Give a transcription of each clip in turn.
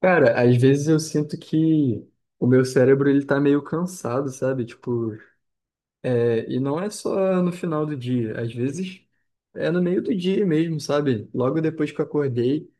Cara, às vezes eu sinto que o meu cérebro ele tá meio cansado, sabe? Tipo, é, e não é só no final do dia, às vezes é no meio do dia mesmo, sabe? Logo depois que eu acordei,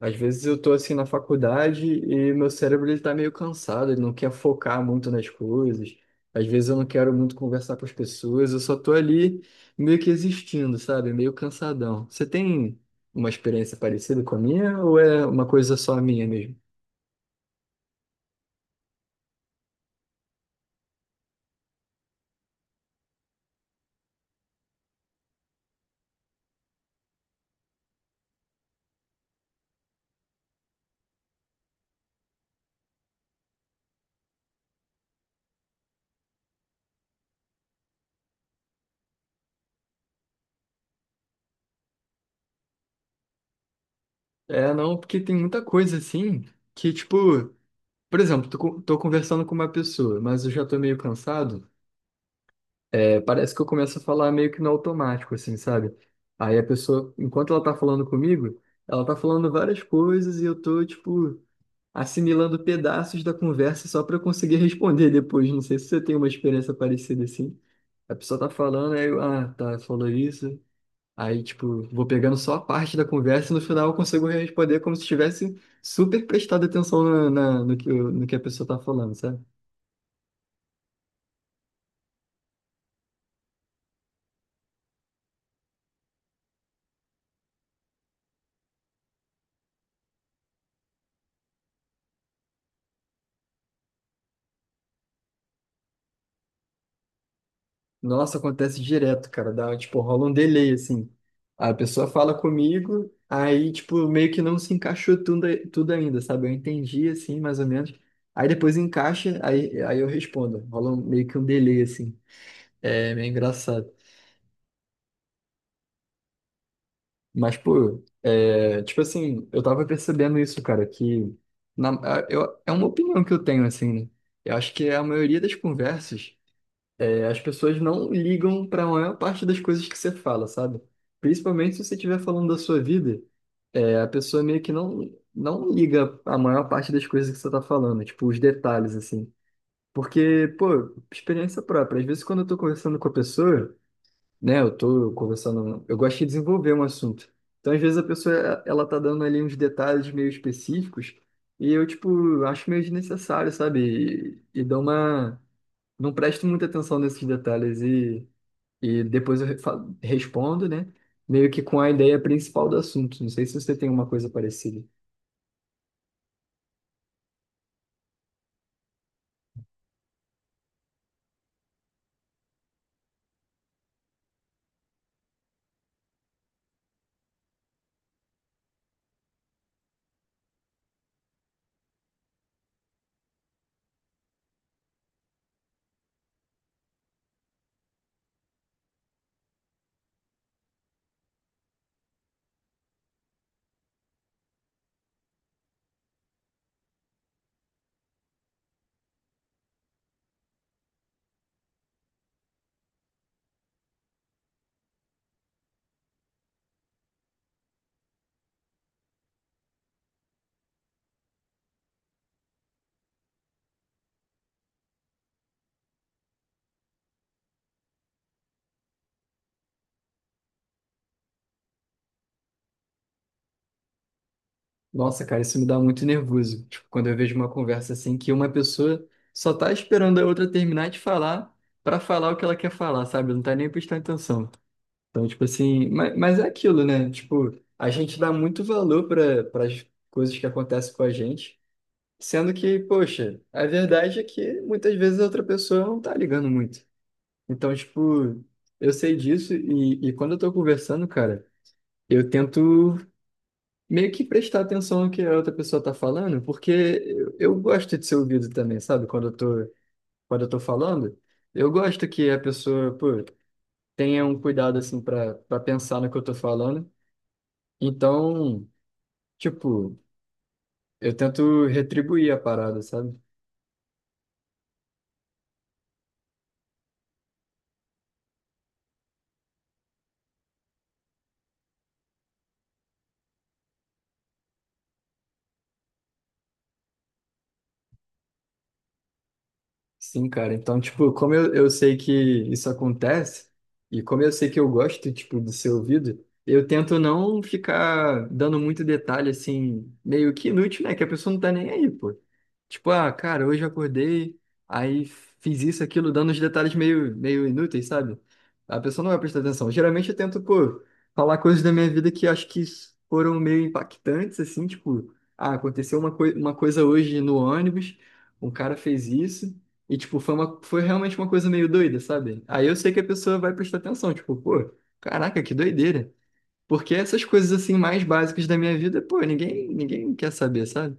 às vezes eu tô assim na faculdade e meu cérebro ele tá meio cansado, ele não quer focar muito nas coisas. Às vezes eu não quero muito conversar com as pessoas, eu só tô ali meio que existindo, sabe? Meio cansadão. Você tem uma experiência parecida com a minha ou é uma coisa só minha mesmo? É, não, porque tem muita coisa assim que, tipo, por exemplo, tô conversando com uma pessoa, mas eu já tô meio cansado. É, parece que eu começo a falar meio que no automático, assim, sabe? Aí a pessoa, enquanto ela tá falando comigo, ela tá falando várias coisas e eu tô, tipo, assimilando pedaços da conversa só pra eu conseguir responder depois. Não sei se você tem uma experiência parecida assim. A pessoa tá falando, aí eu, ah, tá, falou isso. Aí, tipo, vou pegando só a parte da conversa e no final eu consigo responder como se tivesse super prestado atenção no que, no que a pessoa tá falando, sabe? Nossa, acontece direto, cara. Dá, tipo, rola um delay, assim. A pessoa fala comigo, aí, tipo, meio que não se encaixou tudo ainda, sabe? Eu entendi, assim, mais ou menos. Aí depois encaixa, aí eu respondo. Meio que um delay, assim. É meio engraçado. Mas, pô, é, tipo assim, eu tava percebendo isso, cara, que na- é uma opinião que eu tenho, assim, né? Eu acho que a maioria das conversas, é, as pessoas não ligam pra maior parte das coisas que você fala, sabe? Principalmente se você estiver falando da sua vida, é, a pessoa meio que não, não liga a maior parte das coisas que você tá falando, tipo, os detalhes, assim. Porque, pô, experiência própria. Às vezes, quando eu tô conversando com a pessoa, né? Eu tô conversando, eu gosto de desenvolver um assunto. Então, às vezes a pessoa ela tá dando ali uns detalhes meio específicos e eu tipo acho meio desnecessário, sabe? E dou uma, não presto muita atenção nesses detalhes e depois eu respondo, né? Meio que com a ideia principal do assunto. Não sei se você tem uma coisa parecida. Nossa, cara, isso me dá muito nervoso. Tipo, quando eu vejo uma conversa assim que uma pessoa só tá esperando a outra terminar de falar para falar o que ela quer falar, sabe? Não tá nem prestando atenção. Então, tipo assim, mas é aquilo, né? Tipo, a gente dá muito valor para as coisas que acontecem com a gente, sendo que, poxa, a verdade é que muitas vezes a outra pessoa não tá ligando muito. Então, tipo, eu sei disso e quando eu tô conversando, cara, eu tento meio que prestar atenção no que a outra pessoa tá falando, porque eu gosto de ser ouvido também, sabe? Quando eu tô falando, eu gosto que a pessoa, pô, tenha um cuidado, assim, para pensar no que eu tô falando. Então, tipo, eu tento retribuir a parada, sabe? Sim, cara. Então, tipo, como eu sei que isso acontece, e como eu sei que eu gosto, tipo, de ser ouvido, eu tento não ficar dando muito detalhe, assim, meio que inútil, né? Que a pessoa não tá nem aí, pô. Tipo, ah, cara, hoje eu acordei, aí fiz isso, aquilo, dando os detalhes meio inúteis, sabe? A pessoa não vai prestar atenção. Geralmente eu tento, pô, falar coisas da minha vida que acho que foram meio impactantes, assim, tipo, ah, aconteceu uma coisa hoje no ônibus, um cara fez isso. E, tipo, foi realmente uma coisa meio doida, sabe? Aí eu sei que a pessoa vai prestar atenção, tipo, pô, caraca, que doideira. Porque essas coisas, assim, mais básicas da minha vida, pô, ninguém quer saber, sabe?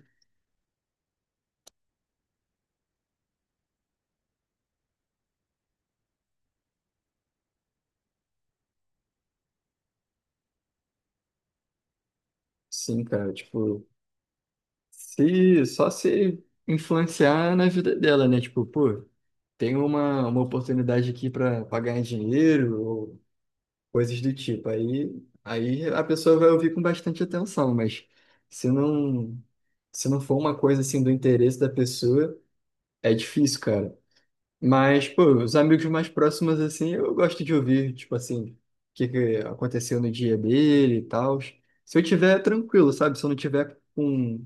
Sim, cara, tipo, se, só se influenciar na vida dela, né? Tipo, pô, tem uma oportunidade aqui pra ganhar dinheiro ou coisas do tipo. Aí a pessoa vai ouvir com bastante atenção, mas se não, se não for uma coisa, assim, do interesse da pessoa. É difícil, cara. Mas, pô, os amigos mais próximos, assim, eu gosto de ouvir, tipo assim, o que que aconteceu no dia dele e tal. Se eu tiver é tranquilo, sabe? Se eu não tiver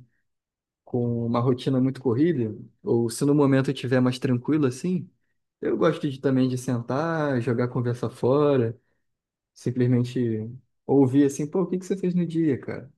com uma rotina muito corrida, ou se no momento eu tiver mais tranquilo, assim, eu gosto também de sentar, jogar a conversa fora, simplesmente ouvir, assim, pô, o que que você fez no dia, cara?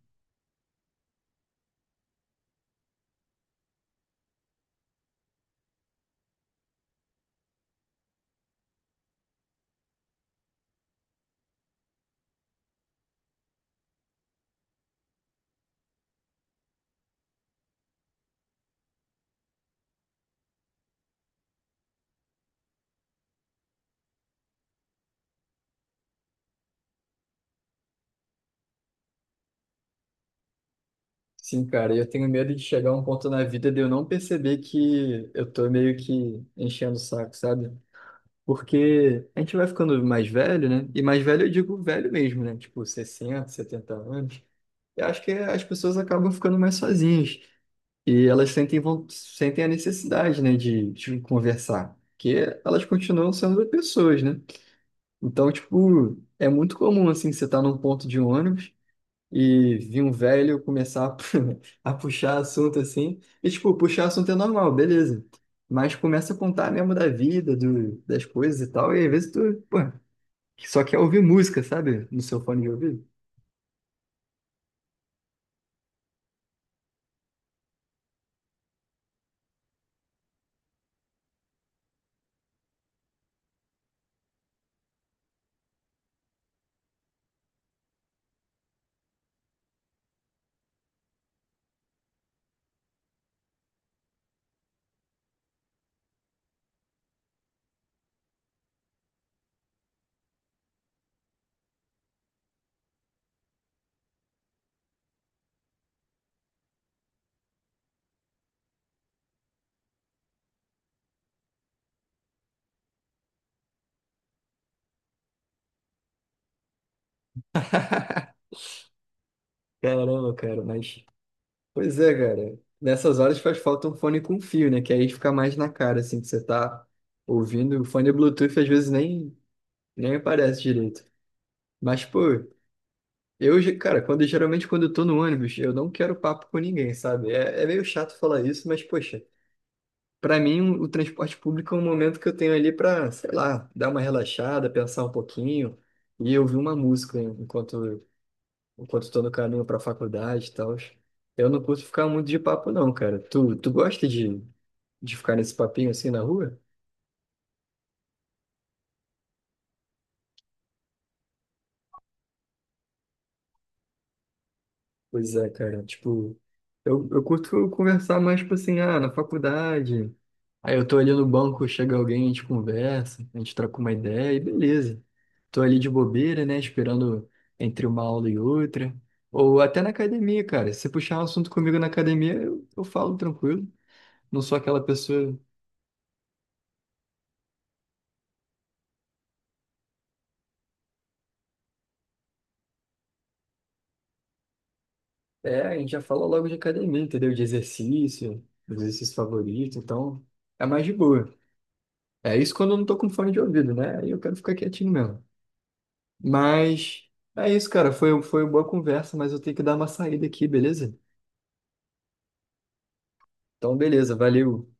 Sim, cara, eu tenho medo de chegar a um ponto na vida de eu não perceber que eu tô meio que enchendo o saco, sabe? Porque a gente vai ficando mais velho, né? E mais velho eu digo velho mesmo, né? Tipo 60, 70 anos. Eu acho que as pessoas acabam ficando mais sozinhas. E elas sentem, sentem a necessidade, né, de conversar. Porque elas continuam sendo pessoas, né? Então, tipo, é muito comum, assim, você estar num ponto de ônibus e vi um velho começar a a puxar assunto assim. E, tipo, puxar assunto é normal, beleza. Mas começa a contar mesmo da vida, das coisas e tal. E às vezes tu, pô, só quer ouvir música, sabe? No seu fone de ouvido. Caramba, cara, mas. Pois é, cara. Nessas horas faz falta um fone com fio, né? Que aí fica mais na cara, assim, que você tá ouvindo. O fone Bluetooth às vezes nem aparece direito. Mas, pô. Cara, quando geralmente quando eu tô no ônibus, eu não quero papo com ninguém, sabe? É meio chato falar isso, mas poxa, pra mim o transporte público é um momento que eu tenho ali pra, sei lá, dar uma relaxada, pensar um pouquinho e ouvir uma música enquanto tô no caminho pra faculdade e tal. Eu não curto ficar muito de papo não, cara. Tu gosta de ficar nesse papinho assim na rua? Pois é, cara. Tipo, eu curto conversar mais, tipo assim, ah, na faculdade. Aí eu tô ali no banco, chega alguém, a gente conversa, a gente troca uma ideia e beleza. Tô ali de bobeira, né? Esperando entre uma aula e outra. Ou até na academia, cara. Se puxar um assunto comigo na academia, eu falo tranquilo. Não sou aquela pessoa. É, a gente já fala logo de academia, entendeu? De exercício, dos exercícios favoritos, então é mais de boa. É isso quando eu não tô com fone de ouvido, né? Aí eu quero ficar quietinho mesmo. Mas é isso, cara. Foi uma boa conversa, mas eu tenho que dar uma saída aqui, beleza? Então, beleza, valeu.